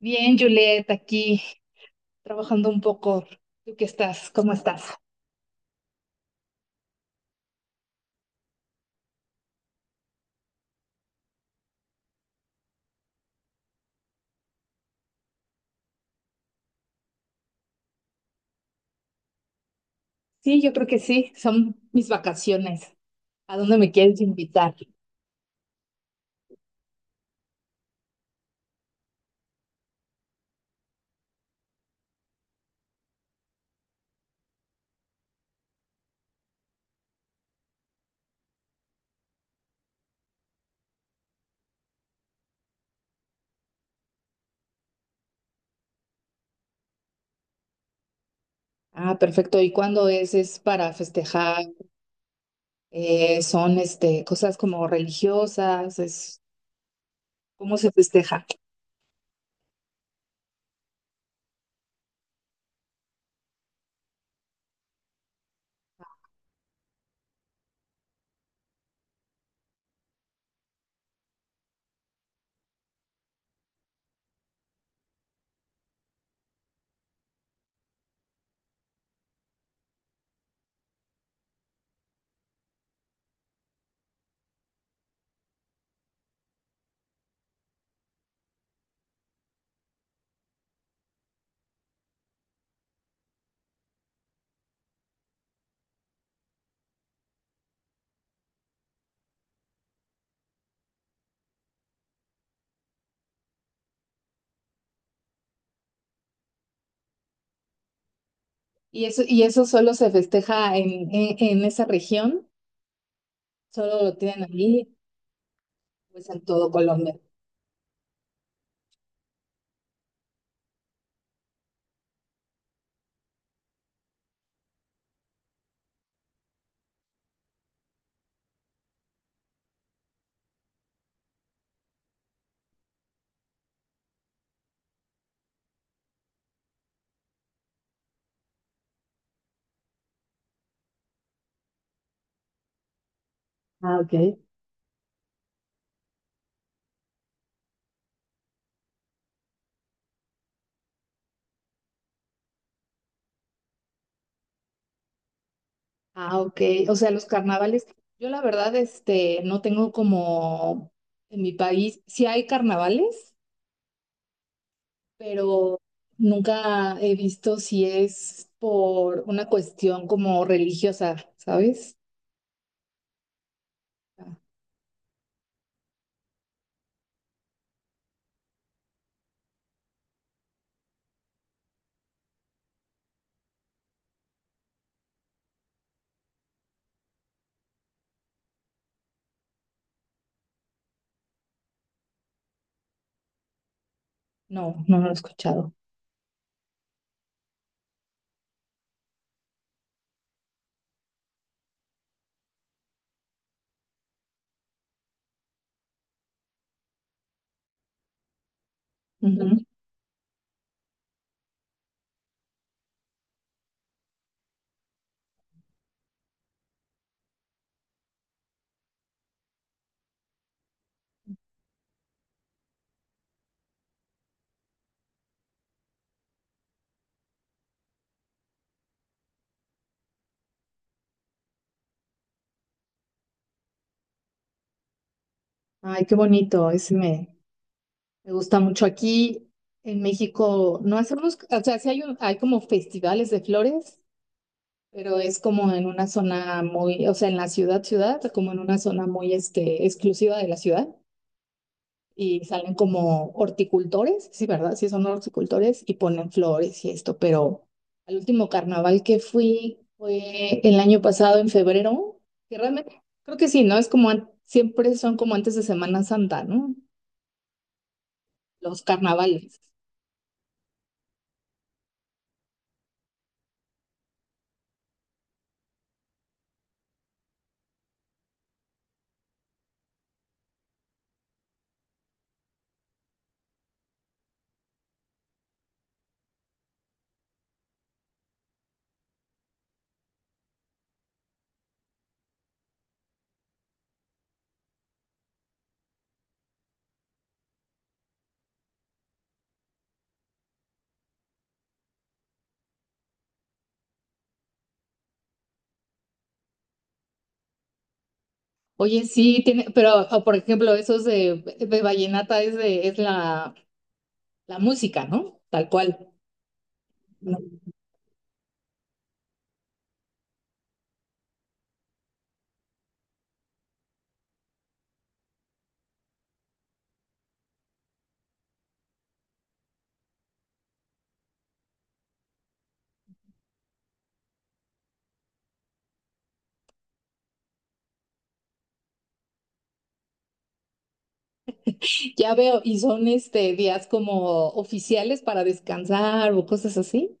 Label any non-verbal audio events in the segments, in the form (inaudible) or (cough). Bien, Juliet, aquí trabajando un poco. ¿Tú qué estás? ¿Cómo estás? Sí, yo creo que sí. Son mis vacaciones. ¿A dónde me quieres invitar? Ah, perfecto. ¿Y cuándo es? ¿Es para festejar? ¿Son este, cosas como religiosas? ¿Es, cómo se festeja? Y eso solo se festeja en esa región? Solo lo tienen ahí, pues en todo Colombia. Ah, ok. Ah, ok. O sea, los carnavales, yo la verdad, este, no tengo como en mi país, sí hay carnavales, pero nunca he visto si es por una cuestión como religiosa, ¿sabes? Ah. No, no lo he escuchado. Ujú. Ay, qué bonito, me gusta mucho. Aquí en México no hacemos, o sea, sí hay, hay como festivales de flores, pero es como en una zona muy, o sea, en la ciudad, ciudad, como en una zona muy este, exclusiva de la ciudad. Y salen como horticultores, sí, ¿verdad? Sí, son horticultores y ponen flores y esto, pero al último carnaval que fui fue el año pasado en febrero, que realmente creo que sí, ¿no? Es como siempre son como antes de Semana Santa, ¿no? Los carnavales. Oye, sí, tiene, pero o, por ejemplo, esos de vallenata es de, es la, la música, ¿no? Tal cual. ¿No? Ya veo, y son este días como oficiales para descansar o cosas así.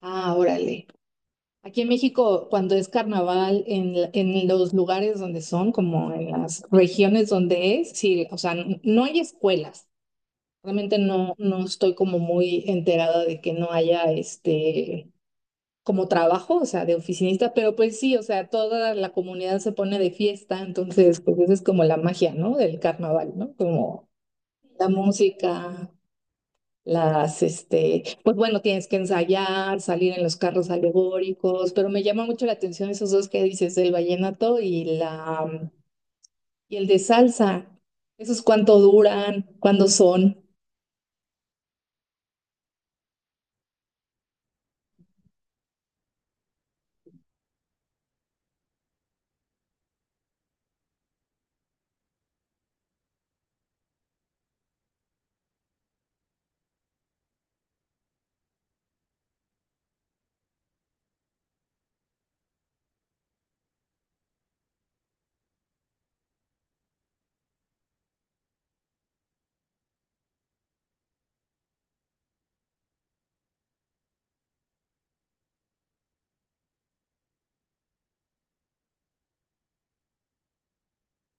Ah, órale. Aquí en México, cuando es carnaval, en, en los lugares donde son, como en las regiones donde es, sí, o sea, no hay escuelas. Realmente no, no estoy como muy enterada de que no haya este como trabajo, o sea, de oficinista, pero pues sí, o sea, toda la comunidad se pone de fiesta, entonces, pues esa es como la magia, ¿no? Del carnaval, ¿no? Como la música. Las, este, pues bueno, tienes que ensayar, salir en los carros alegóricos, pero me llama mucho la atención esos dos que dices, el vallenato y y el de salsa. ¿Esos cuánto duran? ¿Cuándo son?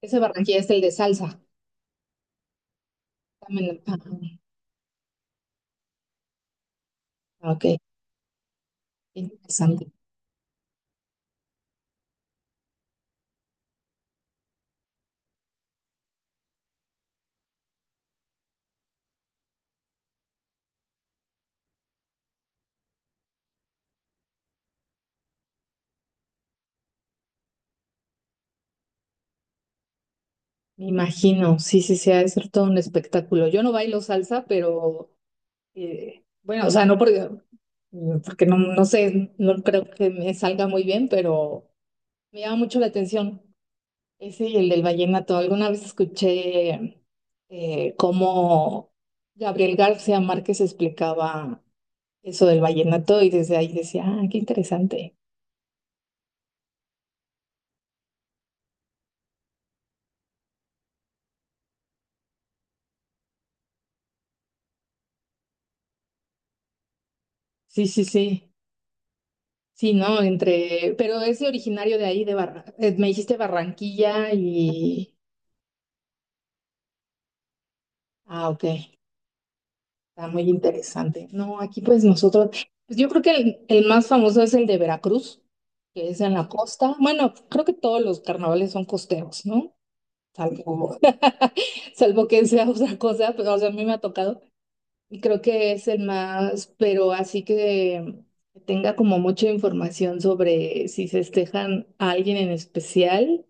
Ese Barranquilla es el de salsa. Dame ah, ah, ok, interesante. Me imagino, sí, sí, sí, ha de ser todo un espectáculo. Yo no bailo salsa, pero bueno, o sea, porque no, no sé, no creo que me salga muy bien, pero me llama mucho la atención. Ese y el del vallenato. Alguna vez escuché cómo Gabriel García Márquez explicaba eso del vallenato y desde ahí decía, ah, qué interesante. Sí, sí, sí. Sí, ¿no? Entre, pero es originario de ahí, de Barra... me dijiste Barranquilla y... Ah, ok. Está muy interesante. No, aquí pues nosotros, pues yo creo que el más famoso es el de Veracruz, que es en la costa. Bueno, creo que todos los carnavales son costeros, ¿no? Salvo, (laughs) salvo que sea otra cosa, pero o sea, a mí me ha tocado y creo que es el más, pero así que tenga como mucha información sobre si festejan a alguien en especial,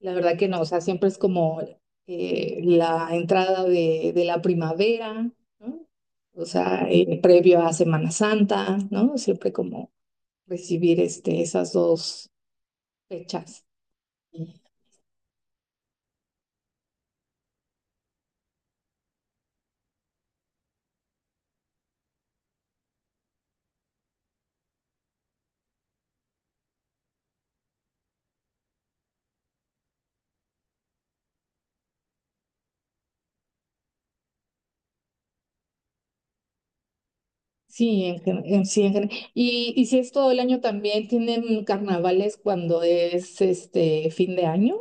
la verdad que no, o sea, siempre es como la entrada de la primavera, ¿no? O sea, previo a Semana Santa, ¿no? Siempre como recibir este, esas dos fechas. Sí, sí, en y si es todo el año también, ¿tienen carnavales cuando es este fin de año?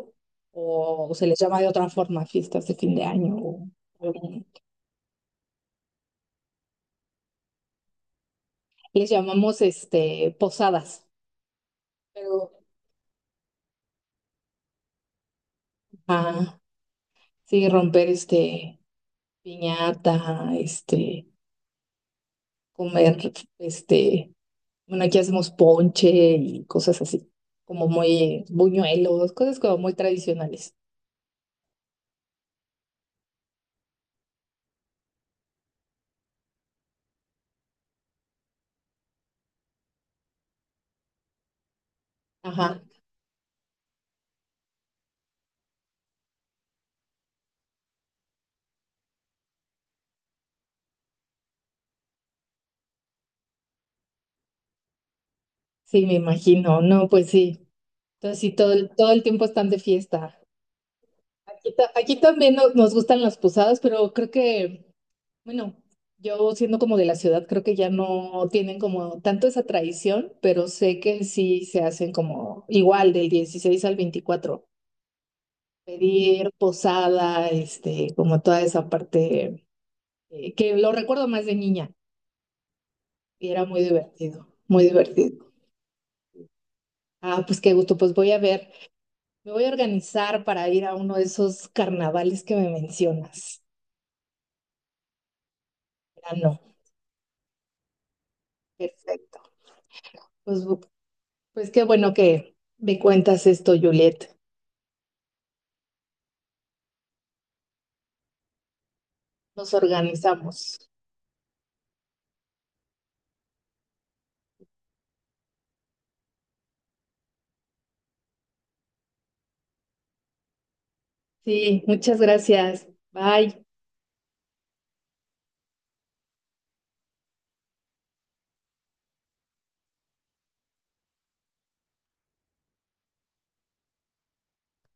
¿O se les llama de otra forma fiestas de fin de año? O- les llamamos este posadas, pero ah, sí, romper este piñata, este, comer, este, bueno, aquí hacemos ponche y cosas así, como muy buñuelos, cosas como muy tradicionales. Ajá, sí, me imagino, no, pues sí. Entonces, sí, todo el tiempo están de fiesta. Aquí, aquí también nos, nos gustan las posadas, pero creo que, bueno, yo siendo como de la ciudad, creo que ya no tienen como tanto esa tradición, pero sé que sí se hacen como igual del 16 al 24. Pedir posada, este, como toda esa parte que lo recuerdo más de niña y era muy divertido, muy divertido. Ah, pues qué gusto, pues voy a ver, me voy a organizar para ir a uno de esos carnavales que me mencionas. Ah, no. Perfecto. Pues, pues qué bueno que me cuentas esto, Juliet. Nos organizamos. Sí, muchas gracias. Bye.